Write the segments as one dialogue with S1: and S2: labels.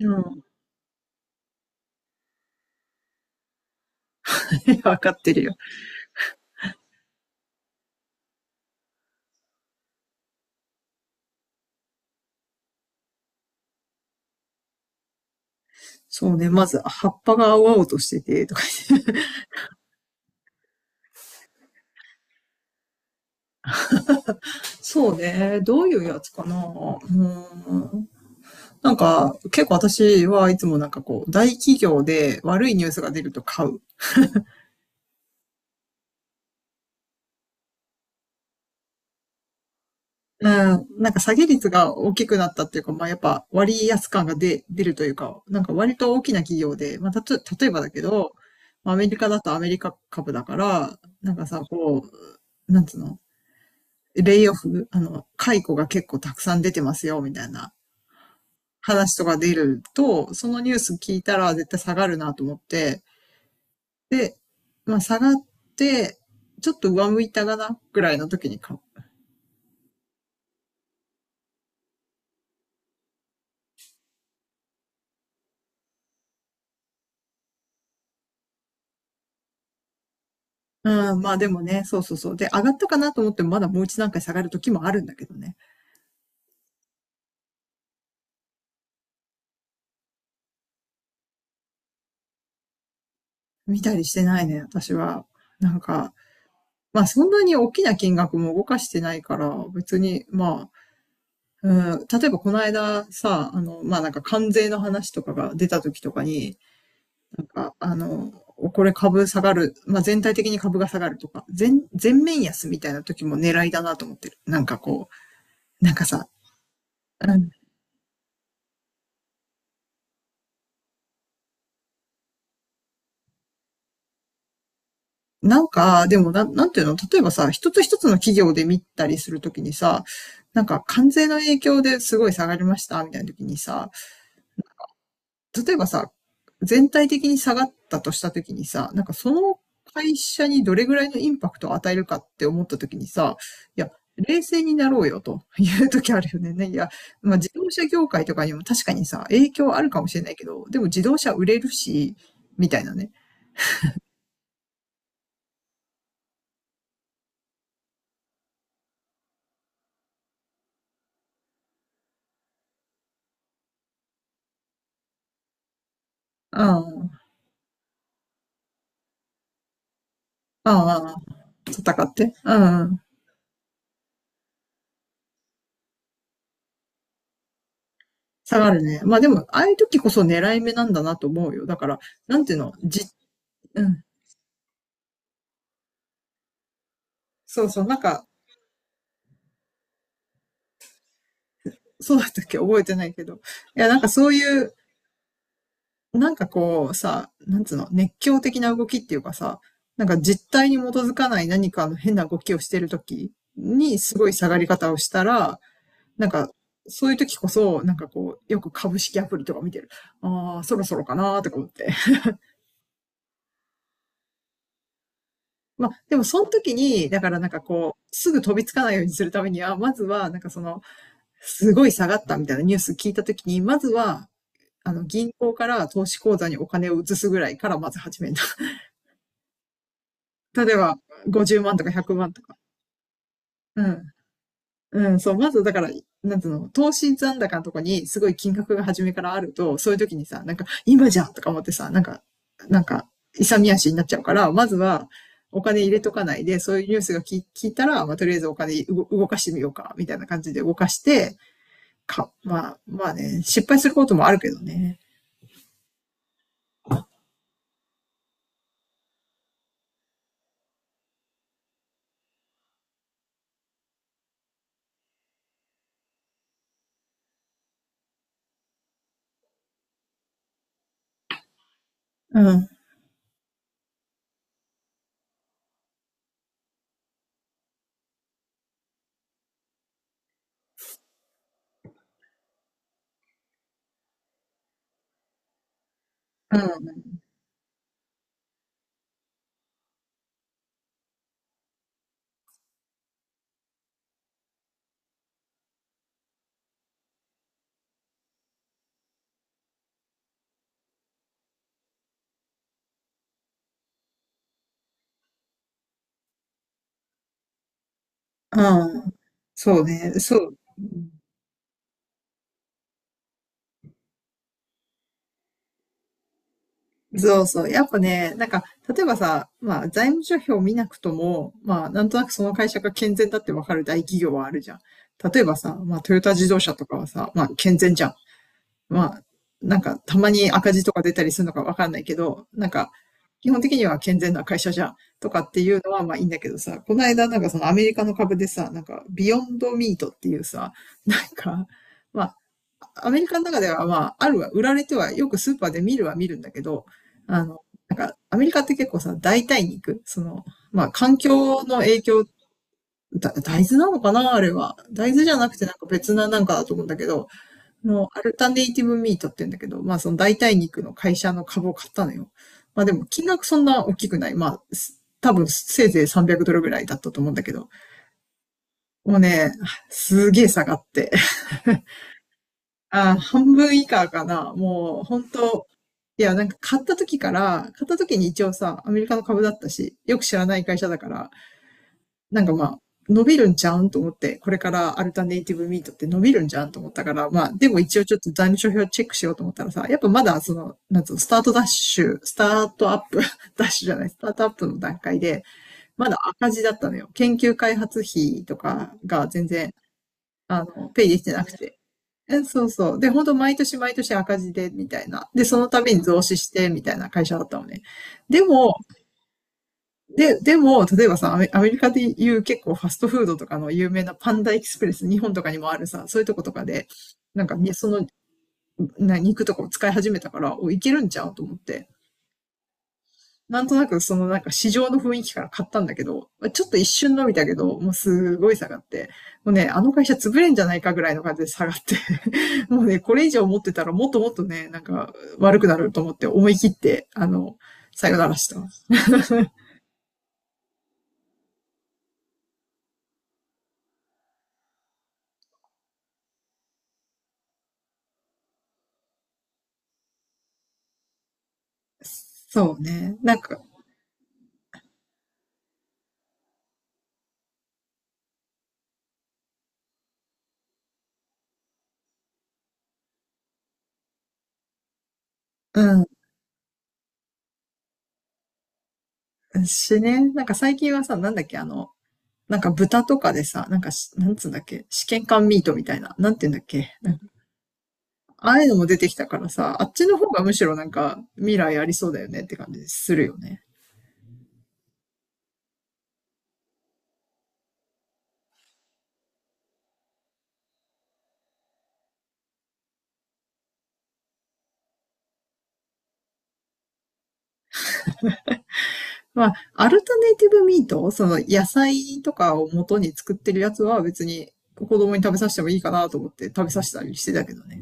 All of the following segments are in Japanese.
S1: うん。わかってるよ。そうね。まず、葉っぱが青々としてて、とか言って。 そうね。どういうやつかな。ーん。なんか、結構私はいつもなんかこう、大企業で悪いニュースが出ると買う。うん。なんか下げ率が大きくなったっていうか、まあやっぱ割安感が出るというか、なんか割と大きな企業で、まあたと、例えばだけど、まあアメリカだとアメリカ株だから、なんかさ、こう、なんつうの、レイオフ、解雇が結構たくさん出てますよ、みたいな話とか出ると、そのニュース聞いたら絶対下がるなと思って、で、まあ下がって、ちょっと上向いたかな、ぐらいの時に買う。うん、まあでもね、そうそうそう。で、上がったかなと思ってもまだもう一段階下がる時もあるんだけどね。見たりしてないね、私は。なんか、まあそんなに大きな金額も動かしてないから、別に、まあ、うん、例えばこの間さ、まあ、なんか関税の話とかが出た時とかに、なんか、これ株下がる、まあ、全体的に株が下がるとか、全面安みたいな時も狙いだなと思ってる。なんかこう、なんかさ、うん、なんか、でもな、なんていうの、例えばさ、一つ一つの企業で見たりするときにさ、なんか関税の影響ですごい下がりました、みたいなときにさ、例えばさ、全体的に下がったとしたときにさ、なんかその会社にどれぐらいのインパクトを与えるかって思ったときにさ、いや、冷静になろうよと いうときあるよね。まあ、自動車業界とかにも確かにさ、影響あるかもしれないけど、でも自動車売れるし、みたいなね。うん、ああ、戦って。うんうん。下がるね。まあでも、ああいう時こそ狙い目なんだなと思うよ。だから、なんていうの、うん。そうそう、なんか、そうだったっけ。覚えてないけど。いや、なんかそういう、なんかこうさ、なんつうの、熱狂的な動きっていうかさ、なんか実体に基づかない何かの変な動きをしてるときにすごい下がり方をしたら、なんかそういう時こそ、なんかこう、よく株式アプリとか見てる。ああ、そろそろかなーとか思って。まあ、でもその時に、だからなんかこう、すぐ飛びつかないようにするためには、まずは、なんかその、すごい下がったみたいなニュース聞いた時に、まずは、銀行から投資口座にお金を移すぐらいからまず始めた。例えば、50万とか100万とか。うん。うん、そう、まずだから、なんつうの、投資残高のとこにすごい金額が初めからあると、そういう時にさ、なんか、今じゃんとか思ってさ、なんか、勇み足になっちゃうから、まずは、お金入れとかないで、そういうニュースが聞いたら、まあ、とりあえずお金動かしてみようか、みたいな感じで動かして、か、まあ、まあね、失敗することもあるけどね。うん。うん。うん。そうね。そう。そうそう。やっぱね、なんか、例えばさ、まあ、財務諸表を見なくとも、まあ、なんとなくその会社が健全だってわかる大企業はあるじゃん。例えばさ、まあ、トヨタ自動車とかはさ、まあ、健全じゃん。まあ、なんか、たまに赤字とか出たりするのかわかんないけど、なんか、基本的には健全な会社じゃん。とかっていうのは、まあいいんだけどさ、この間、なんかそのアメリカの株でさ、なんか、ビヨンドミートっていうさ、なんか、まあアメリカの中では、まあ、あるは、売られては、よくスーパーで見るは見るんだけど、あの、なんか、アメリカって結構さ、代替肉、その、まあ、環境の影響、大豆なのかなあれは。大豆じゃなくてなんか別ななんかだと思うんだけど、あのアルタネイティブミートって言うんだけど、まあその代替肉の会社の株を買ったのよ。まあでも金額そんな大きくない。まあ、多分せいぜい300ドルぐらいだったと思うんだけど、もうね、すげえ下がって、あー、半分以下かな。もう、本当、いや、なんか買った時から、買った時に一応さ、アメリカの株だったし、よく知らない会社だから、なんかまあ、伸びるんちゃうんと思って、これからアルタネイティブミートって伸びるんじゃんと思ったから、まあ、でも一応ちょっと財務諸表チェックしようと思ったらさ、やっぱまだその、なんつうの、スタートダッシュ、スタートアップ ダッシュじゃない、スタートアップの段階で、まだ赤字だったのよ。研究開発費とかが全然、ペイできてなくて。え、そうそう。で、本当毎年毎年赤字で、みたいな。で、その度に増資して、みたいな会社だったのね。でも、でも、例えばさ、アメリカでいう結構ファストフードとかの有名なパンダエキスプレス、日本とかにもあるさ、そういうとことかで、なんかね、その、肉とかを使い始めたから、お、いけるんちゃうと思って。なんとなくそのなんか市場の雰囲気から買ったんだけど、ちょっと一瞬伸びたけど、もうすごい下がって、もうね、あの会社潰れんじゃないかぐらいの感じで下がって、もうね、これ以上持ってたらもっともっとね、なんか悪くなると思って思い切って、さよならした。そうね。なんか、うん。しね、なんか最近はさ、なんだっけ、なんか豚とかでさ、なんかし、なんつうんだっけ、試験管ミートみたいな、なんていうんだっけ、なん、ああいうのも出てきたからさ、あっちの方がむしろなんか未来ありそうだよねって感じするよね。まあ、アルタネイティブミート、その野菜とかを元に作ってるやつは別に子供に食べさせてもいいかなと思って食べさせたりしてたけどね。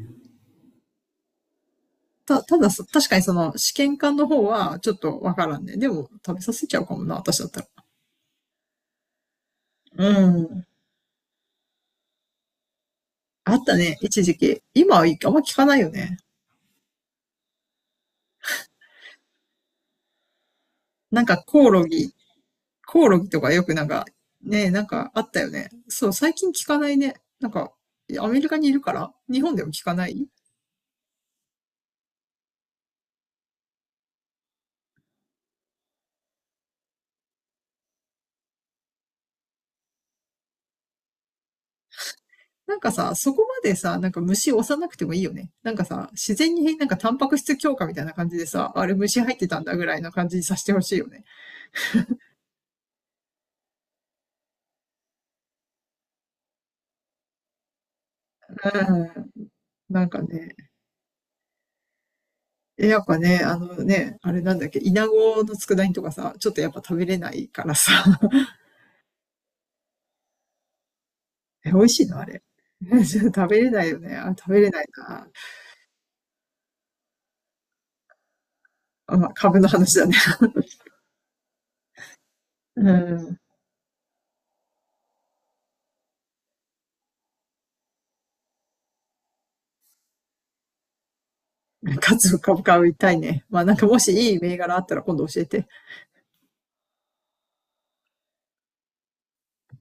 S1: た、ただそ、確かにその試験管の方はちょっとわからんね。でも食べさせちゃうかもな、私だったら。うん。あったね、一時期。今はあんま聞かないよね。なんかコオロギとかよくなんか、ねえなんかあったよね。そう、最近聞かないね。なんか、アメリカにいるから日本でも聞かない。なんかさ、そこまでさ、なんか虫押さなくてもいいよね。なんかさ、自然になんかタンパク質強化みたいな感じでさ、あれ虫入ってたんだぐらいの感じにさせてほしいよね。うん。なんかね、え、やっぱね、あのね、あれなんだっけ、イナゴの佃煮とかさ、ちょっとやっぱ食べれないからさ。え、美味しいのあれ。食べれないよね。あ、食べれないな。あ、株の話だね。うん。かつ株買いたいね。まあなんかもしいい銘柄あったら今度教えて。